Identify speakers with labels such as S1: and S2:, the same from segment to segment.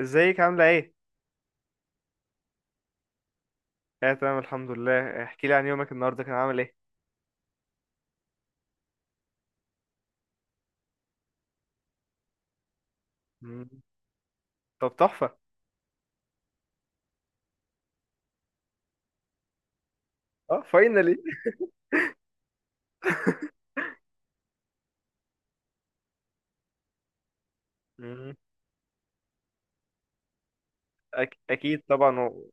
S1: ازيك عاملة ايه؟ اه، تمام الحمد لله. احكي لي عن يومك النهاردة كان عامل ايه؟ مم. طب، تحفة. اه، فاينلي. مم. اكيد طبعا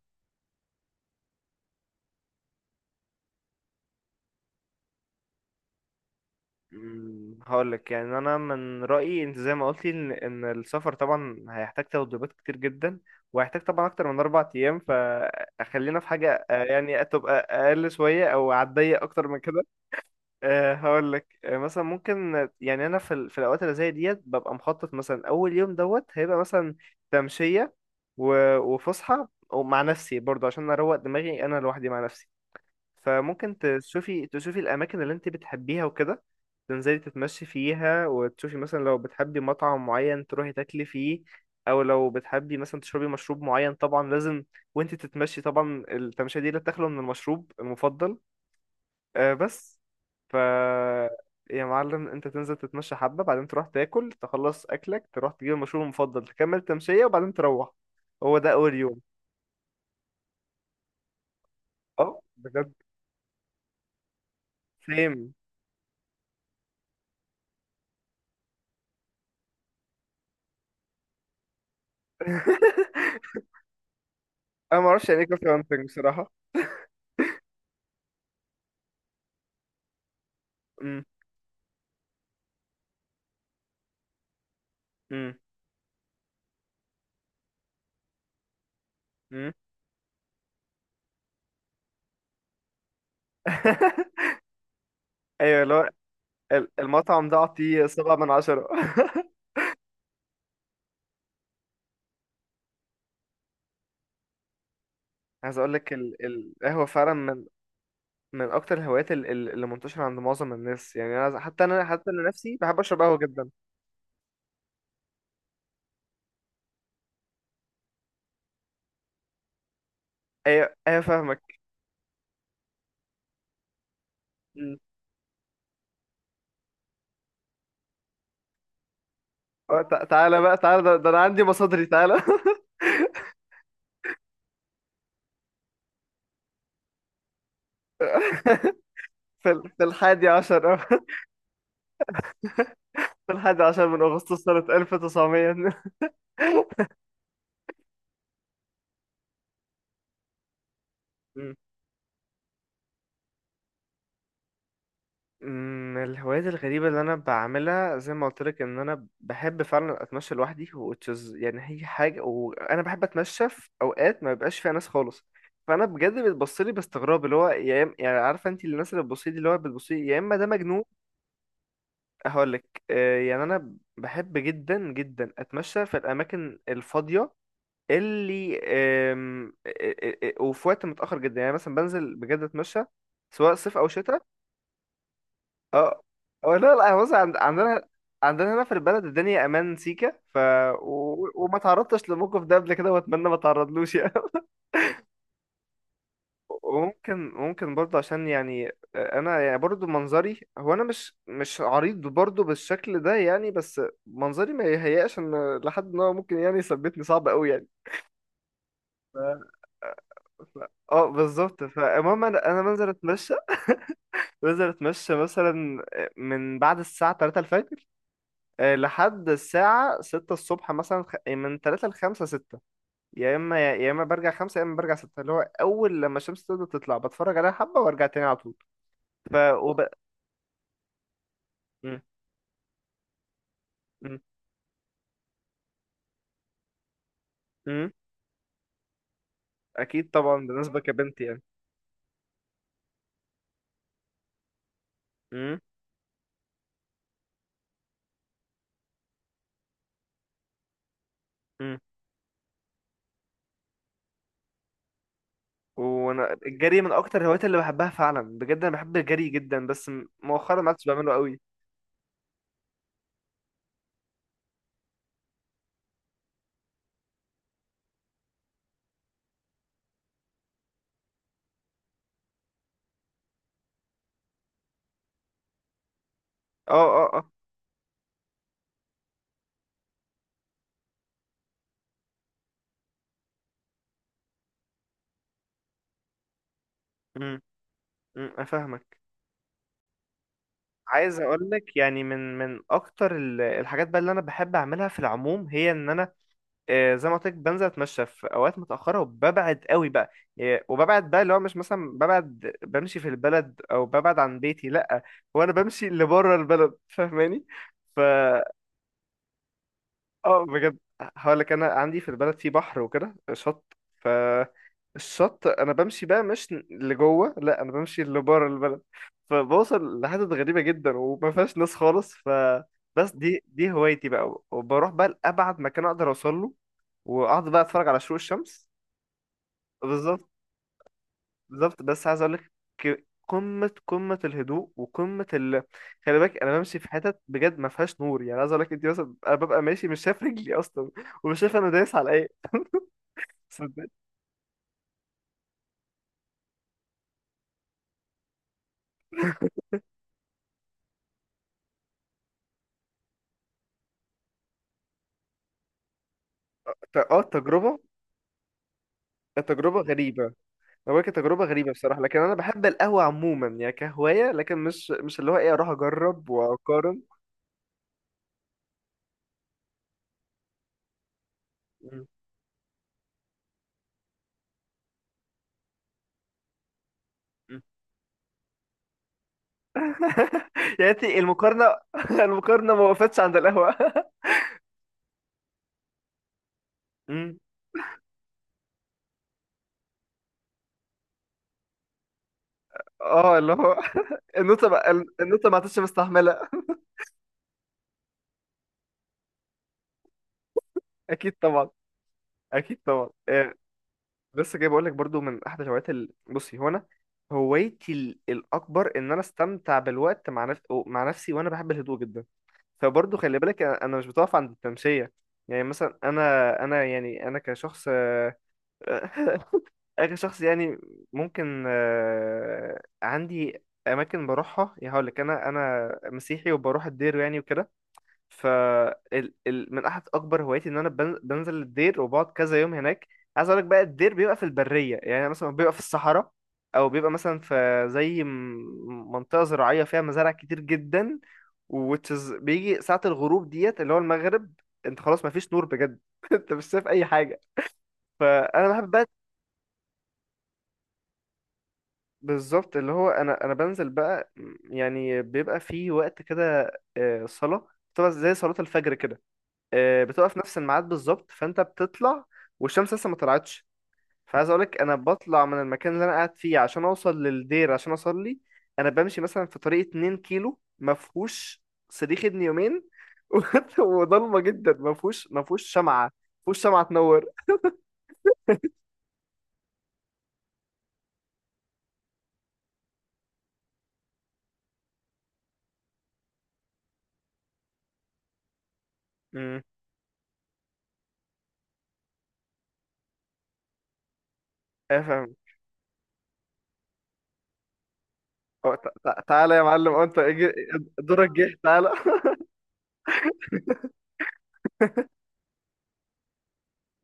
S1: هقول لك، يعني انا من رأيي انت زي ما قلتي إن السفر طبعا هيحتاج تدريبات كتير جدا، وهيحتاج طبعا اكتر من اربع ايام، فخلينا في حاجة، يعني تبقى اقل شوية او عادية اكتر من كده. هقول لك. مثلا ممكن، يعني انا في الاوقات اللي زي ديت ببقى مخطط مثلا اول يوم دوت هيبقى مثلا تمشيه و- وفسحه ومع نفسي برضه عشان اروق دماغي انا لوحدي مع نفسي. فممكن تشوفي الاماكن اللي انت بتحبيها وكده، تنزلي تتمشي فيها، وتشوفي مثلا لو بتحبي مطعم معين تروحي تاكلي فيه، او لو بتحبي مثلا تشربي مشروب معين طبعا لازم وانت تتمشي. طبعا التمشيه دي لا تخلو من المشروب المفضل، بس ف يا معلم انت تنزل تتمشى حبة، بعدين تروح تاكل، تخلص اكلك تروح تجيب المشروب المفضل، تكمل تمشية وبعدين تروح. هو ده اول يوم. اه، بجد. سيم. انا ما اعرفش يعني ايه كوفي هانتنج بصراحة. امم، امم، امم. ايوه، اللي هو المطعم ده اعطيه سبعة من عشرة. عايز اقول لك، القهوة فعلا من اكتر الهوايات، اللي منتشرة عند معظم الناس، يعني انا حتى، انا نفسي بحب اشرب قهوة جدا. ايوه، ايوه، فاهمك. تعالى بقى، تعالى، ده انا عندي مصادري، تعالى. في في الحادي عشر. في الحادي عشر من اغسطس سنة 1900. مم. الهوايات الغريبة اللي أنا بعملها، زي ما قلت لك، إن أنا بحب فعلا أتمشى لوحدي، which is يعني هي حاجة، وأنا بحب أتمشى في أوقات ما بيبقاش فيها ناس خالص. فأنا بجد بتبص لي باستغراب، اللي هو يعني عارفة أنت الناس اللي بتبص لي دي، اللي هو بتبص لي يا إما ده مجنون. هقول لك، يعني أنا بحب جدا جدا أتمشى في الأماكن الفاضية اللي أم، أ- أ- أ- وفي وقت متأخر جدا، يعني مثلا بنزل بجد اتمشى، سواء صيف او شتاء. اه، أو لا، لا، يعني بص، عندنا عندنا هنا في البلد الدنيا امان سيكا و... وما تعرضتش للموقف ده قبل كده، واتمنى ما تعرضلوش. يعني. وممكن ممكن برضه عشان يعني، انا يعني برضه منظري، هو انا مش عريض برضه بالشكل ده يعني، بس منظري ما يهيأش ان لحد ان هو ممكن يعني يثبتني، صعب قوي يعني. اه، بالظبط، فالمهم انا، بنزل اتمشى. بنزل اتمشى مثلا من بعد الساعة 3 الفجر، لحد الساعة 6 الصبح مثلا، خ- إيه، من 3 ل 5، 6، يا اما برجع 5، يا اما برجع 6، اللي هو اول لما الشمس تبدأ تطلع بتفرج عليها حبة وارجع تاني على طول. ف وب... م- م- م- اكيد طبعا بالنسبة كبنت يعني. م- م. وانا الجري من اكتر الهوايات اللي بحبها فعلا بجد، انا بحب الجري جدا، بس مؤخرا ما عدتش بعمله قوي. اه، اه، اه. افهمك. عايز اقول لك، يعني من اكتر الحاجات بقى اللي انا بحب اعملها في العموم، هي ان انا، زي ما قلت لك بنزل اتمشى في اوقات متاخره وببعد قوي بقى. وببعد بقى اللي هو، مش مثلا ببعد بمشي في البلد او ببعد عن بيتي، لا، هو انا بمشي اللي بره البلد، فاهماني؟ اه بجد، هقول لك انا عندي في البلد في بحر وكده شط الشط انا بمشي بقى مش لجوه، لا، انا بمشي لبره البلد، فبوصل لحتت غريبه جدا، وما فيهاش ناس خالص بس دي هوايتي بقى، وبروح بقى لابعد مكان اقدر اوصل له، واقعد بقى اتفرج على شروق الشمس. بالظبط، بالظبط، بس عايز اقول لك، قمه الهدوء وقمه خلي بالك انا بمشي في حتت بجد ما فيهاش نور، يعني عايز اقول لك انت مثلا، انا ببقى ماشي مش شايف رجلي اصلا ومش شايف انا دايس على إيه. صدق. اه، التجربة غريبة. هو كانت تجربة غريبة بصراحة، لكن أنا بحب القهوة عموما يعني، كهواية، لكن مش اللي هو إيه أروح أجرب وأقارن. مم. مم. يا ريتني المقارنة. المقارنة ما وقفتش عند القهوة. مم. اه، اللي هو النوتة بقى. النوتة ما عادتش مستحملة. أكيد طبعا. أكيد طبعا. بس جاي بقول لك برضو، من أحد الهوايات بصي، هو أنا هوايتي الأكبر، إن أنا أستمتع بالوقت مع مع نفسي، وأنا بحب الهدوء جدا. فبرضه خلي بالك أنا مش بتوقف عند التمشية. يعني مثلا انا، يعني انا كشخص، اخر شخص يعني. ممكن عندي اماكن بروحها، يعني هقول لك انا، مسيحي وبروح الدير يعني وكده. من احد اكبر هواياتي ان انا بنزل الدير وبقعد كذا يوم هناك. عايز اقول لك بقى، الدير بيبقى في البريه، يعني مثلا بيبقى في الصحراء، او بيبقى مثلا في زي منطقه زراعيه فيها مزارع كتير جدا. بيجي ساعه الغروب ديت اللي هو المغرب، انت خلاص مفيش نور بجد. انت مش شايف اي حاجه، فانا بحب بقى، بالظبط، اللي هو انا، بنزل بقى. يعني بيبقى في وقت كده صلاه، طبعا زي صلاه الفجر كده، بتبقى في نفس الميعاد بالظبط، فانت بتطلع والشمس لسه ما طلعتش. فعايز اقولك انا بطلع من المكان اللي انا قاعد فيه عشان اوصل للدير عشان اصلي. انا بمشي مثلا في طريق 2 كيلو ما فيهوش صريخ ابن يومين. وضلمه جدا، ما فيهوش شمعه، ما فيهوش شمعه تنور. امم، افهم. تعالى يا معلم، انت دورك جه، تعالى.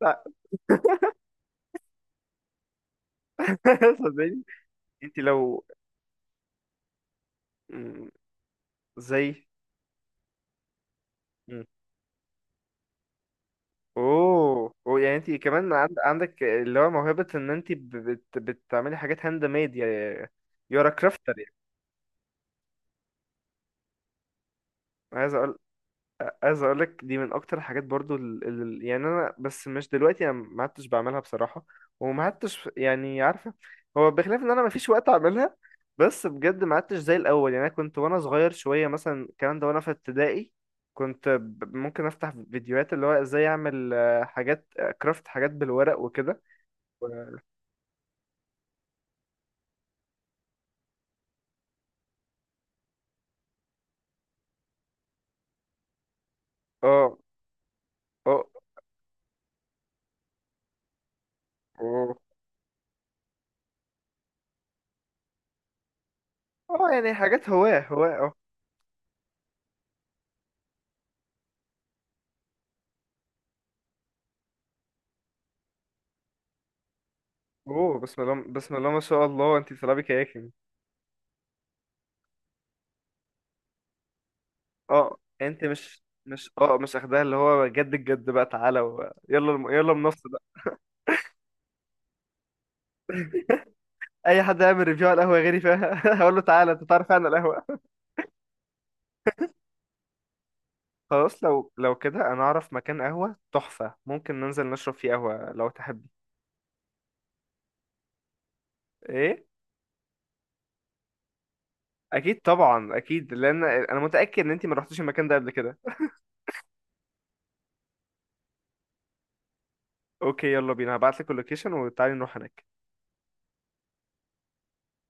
S1: تع- صدقني، انت لو، مم، زي. اوه، أوه، يعني انت كمان عندك اللي هو موهبة ان انت بتعملي حاجات هاند ميد يعني، يورا كرافتر يعني. عايز اقول، عايز اقول لك دي من اكتر الحاجات برضو يعني انا، بس مش دلوقتي انا ما عدتش بعملها بصراحة، وما عدتش يعني عارفة، هو بخلاف ان انا ما فيش وقت اعملها، بس بجد ما عدتش زي الاول. يعني انا كنت وانا صغير شوية مثلا الكلام ده وانا في ابتدائي، كنت ممكن افتح فيديوهات اللي هو ازاي اعمل حاجات، كرافت، حاجات بالورق وكده. اه، اه، اه، اه، يعني حاجات هواه هواه اه. اوه، بسم الله، بسم الله، ما شاء الله، انت بتلعبي كياكينج. اه، انت مش اخدها اللي هو جد الجد بقى، تعالى يلا، يلا منص بقى. اي حد يعمل ريفيو على القهوه غيري فيها؟ هقول له تعالى انت تعرف عن القهوه. خلاص، لو كده انا اعرف مكان قهوه تحفه، ممكن ننزل نشرب فيه قهوه لو تحبي. ايه. اكيد طبعا، اكيد، لان انا متاكد ان انت ما رحتيش المكان ده قبل كده. اوكي، يلا بينا، هبعت لك اللوكيشن وتعالي نروح هناك.